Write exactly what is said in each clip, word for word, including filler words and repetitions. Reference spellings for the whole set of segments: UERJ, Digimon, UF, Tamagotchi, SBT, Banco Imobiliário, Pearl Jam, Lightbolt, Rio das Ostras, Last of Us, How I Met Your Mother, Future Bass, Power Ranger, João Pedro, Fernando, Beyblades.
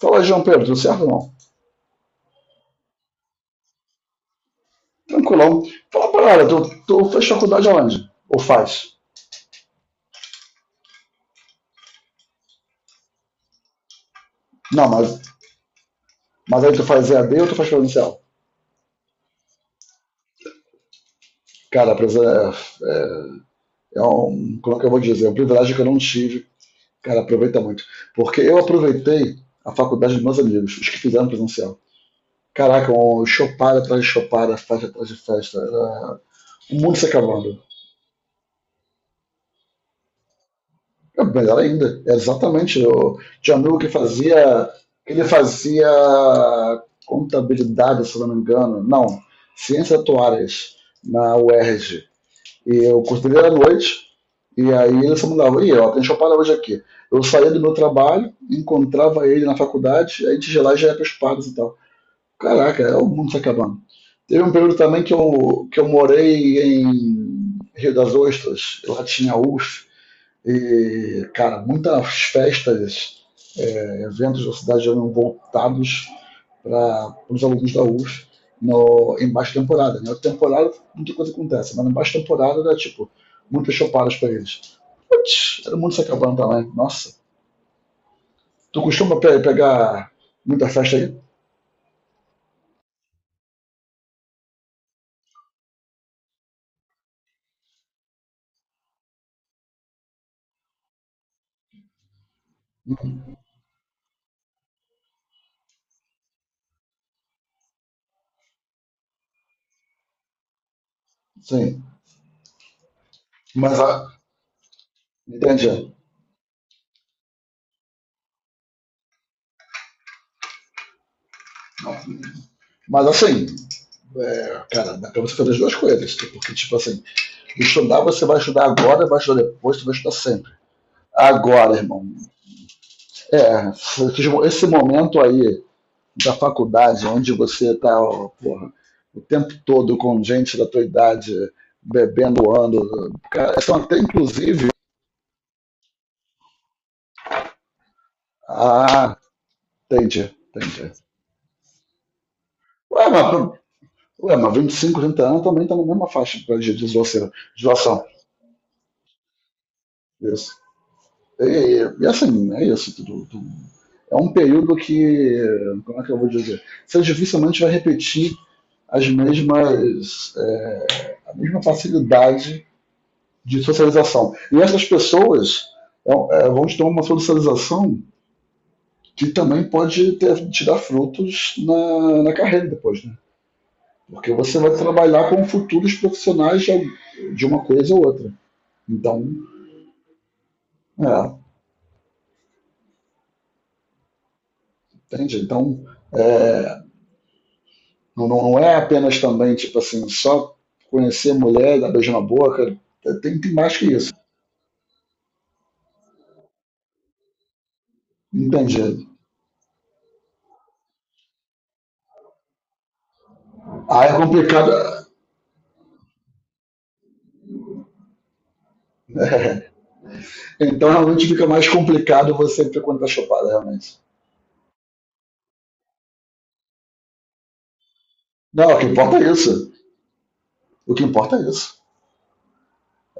Fala, João Pedro, tudo certo ou não? Tranquilão. Fala pra ela, tu, tu fez faculdade aonde? Ou faz? Não, mas, mas aí tu faz E A D ou tu faz presencial? Cara, presen- é, é, é um, como é que eu vou dizer, é um privilégio que eu não tive. Cara, aproveita muito. Porque eu aproveitei a faculdade dos meus amigos, os que fizeram presencial. Caraca, um chopada atrás de chopada, festa atrás de festa. Era o mundo se acabando. É melhor ainda, é exatamente. O Gianluca que fazia, ele fazia contabilidade, se eu não me engano, não, ciências atuárias na uerj. E R J. E o curso dele era à noite, e aí ele se mudava, e ó, tem chopara hoje aqui. Eu saía do meu trabalho, encontrava ele na faculdade, aí a gente de lá e já ia para os pagos e tal. Caraca, é o mundo se acabando. Teve um período também que eu, que eu morei em Rio das Ostras, lá tinha U F, e, cara, muitas festas, é, eventos da cidade eram voltados para os alunos da U F no, em baixa temporada. Na né? temporada, muita coisa acontece, mas na baixa temporada era tipo, muitas chopadas para eles. Putz, todo mundo se acabando também. Nossa. Tu costuma pe pegar muita festa aí? Sim. Mas, a, entende? Mas assim, é, cara, dá pra você fazer as duas coisas. Tipo, porque, tipo assim, estudar você vai estudar agora, vai estudar depois, você vai estudar sempre. Agora, irmão. É, esse momento aí da faculdade, onde você tá, ó, porra, o tempo todo com gente da tua idade bebendo, ano, cara, são até inclusive. Ah, entendi, entendi. Ué, mas, ué, mas vinte e cinco, trinta anos também tá na mesma faixa pra de deslocação. Deslocação. Isso. E, e, e assim, é isso. Tudo, tudo. É um período que, como é que eu vou dizer? Você dificilmente vai repetir as mesmas é, a mesma facilidade de socialização. E essas pessoas é, é, vão ter uma socialização que também pode ter, tirar frutos na, na carreira depois, né? Porque você vai trabalhar com futuros profissionais de, uma coisa ou outra. Então, é, entende? Então, é, não, não é apenas também, tipo assim, só conhecer a mulher, dar beijo na boca, tem, tem mais que isso. Entende? Ah, é complicado. É, então realmente fica mais complicado você ver quando tá chopada, realmente. Não, o que importa é isso. O que importa é isso.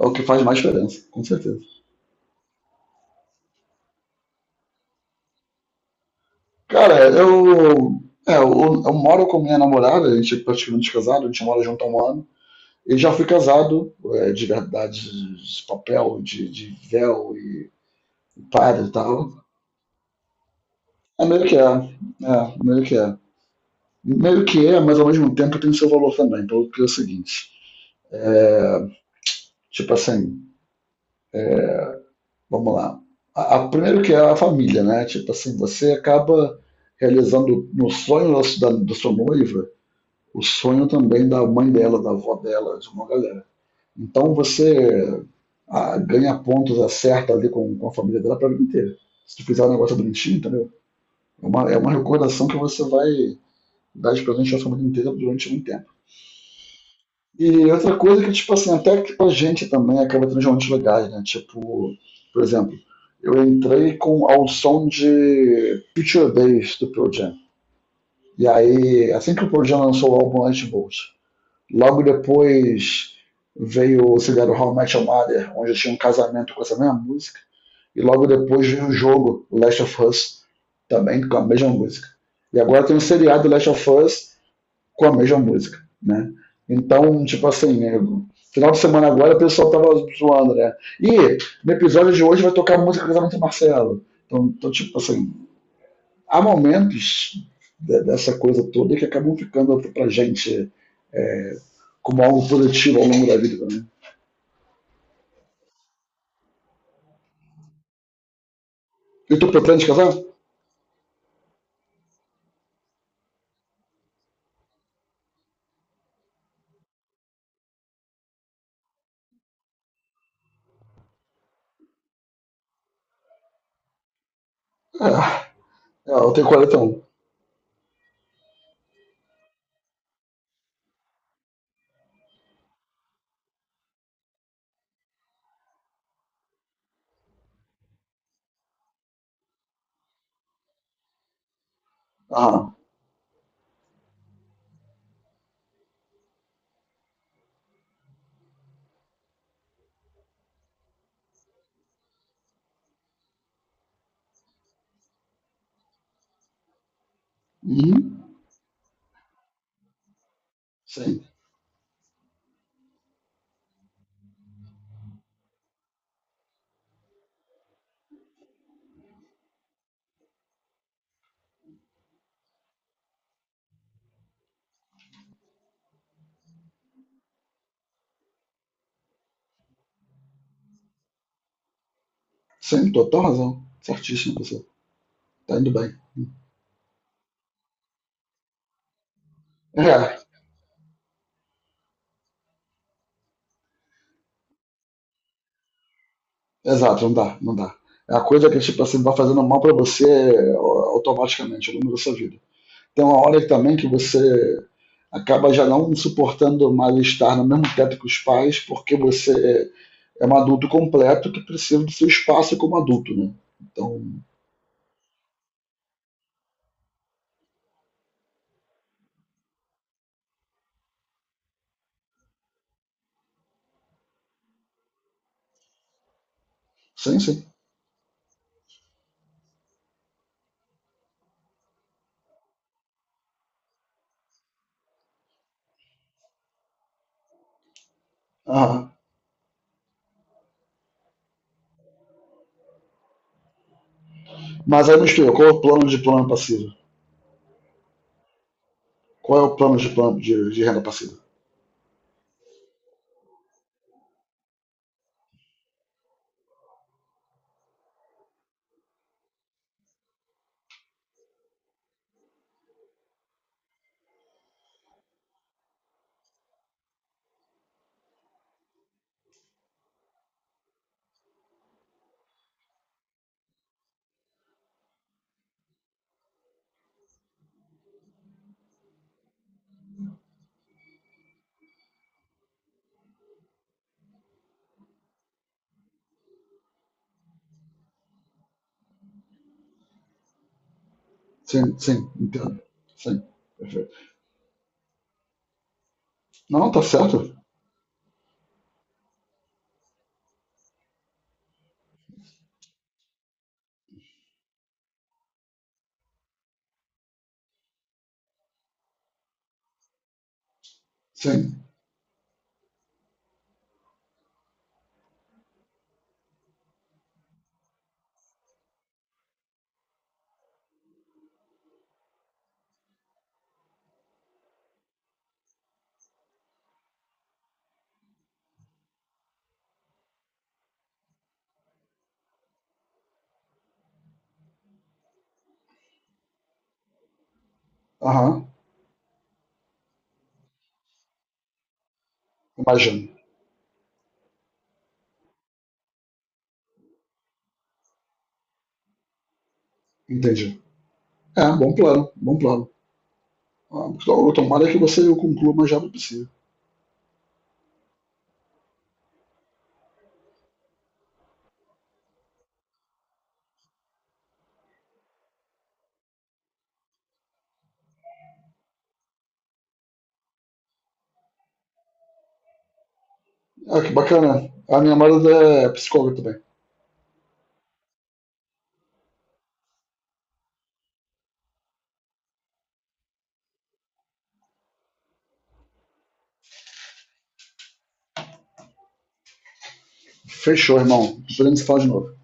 É o que faz mais diferença, com certeza. Cara, eu. É, eu, eu moro com minha namorada, a gente é praticamente casado, a gente mora junto há um ano. E já fui casado, é, de verdade, de papel, de, de véu e padre e tal. É meio que é. É, meio que é. Meio que é, mas ao mesmo tempo tem seu valor também, pelo que é o seguinte. É, tipo assim, vamos lá. A, a- primeiro que é a família, né? Tipo assim, você acaba realizando no sonho da, su- da, da sua noiva, o sonho também da mãe dela, da avó dela, de uma galera. Então você ah, ganha pontos, acerta ali com, com a família dela pra vida inteira. Se tu fizer um negócio bonitinho, entendeu? É uma, é uma recordação que você vai dar de presente à família inteira durante um tempo. E outra coisa que, tipo assim, até que pra gente também acaba tendo uns momentos legais, né? Tipo, por exemplo, eu entrei com ao som de Future Bass do Pearl Jam. E aí, assim que o Pearl Jam lançou o álbum Lightbolt, logo depois veio o Cigarro How I Met Your Mother, onde eu tinha um casamento com essa mesma música. E logo depois veio o jogo Last of Us, também com a mesma música. E agora tem um seriado Last of Us com a mesma música, né? Então, tipo assim, né? Final de semana agora o pessoal tava zoando, né? E no episódio de hoje vai tocar a música do casamento do Marcelo. Então, então, tipo assim, há momentos de- dessa coisa toda que acabam ficando pra gente como algo positivo ao longo da vida também. E tu pretende casar? É, é, eu tenho quarenta e um. Ah, uhum, sim, sim, total razão. Certíssimo você. Tá indo bem. É, exato, não dá, não dá. É a coisa que tipo assim, vai fazendo mal para você é, automaticamente ao longo da sua vida. Tem uma hora também que você acaba já não suportando mais estar no mesmo teto que os pais, porque você é é um adulto completo que precisa do seu espaço como adulto, né? Então, sim, sim. Aham. Mas aí me explica, qual é o plano de plano passivo? Qual é o plano de plano de, de renda passiva? Sim, sim, entendo. Sim, perfeito. Não, tá certo? Sim. Aham, imagino. Entendi. É, bom plano, bom plano. Ah, então, tomara que você conclua o mais rápido possível. Ah, que bacana. A minha namorada é psicóloga também. Fechou, irmão. Podemos falar de novo.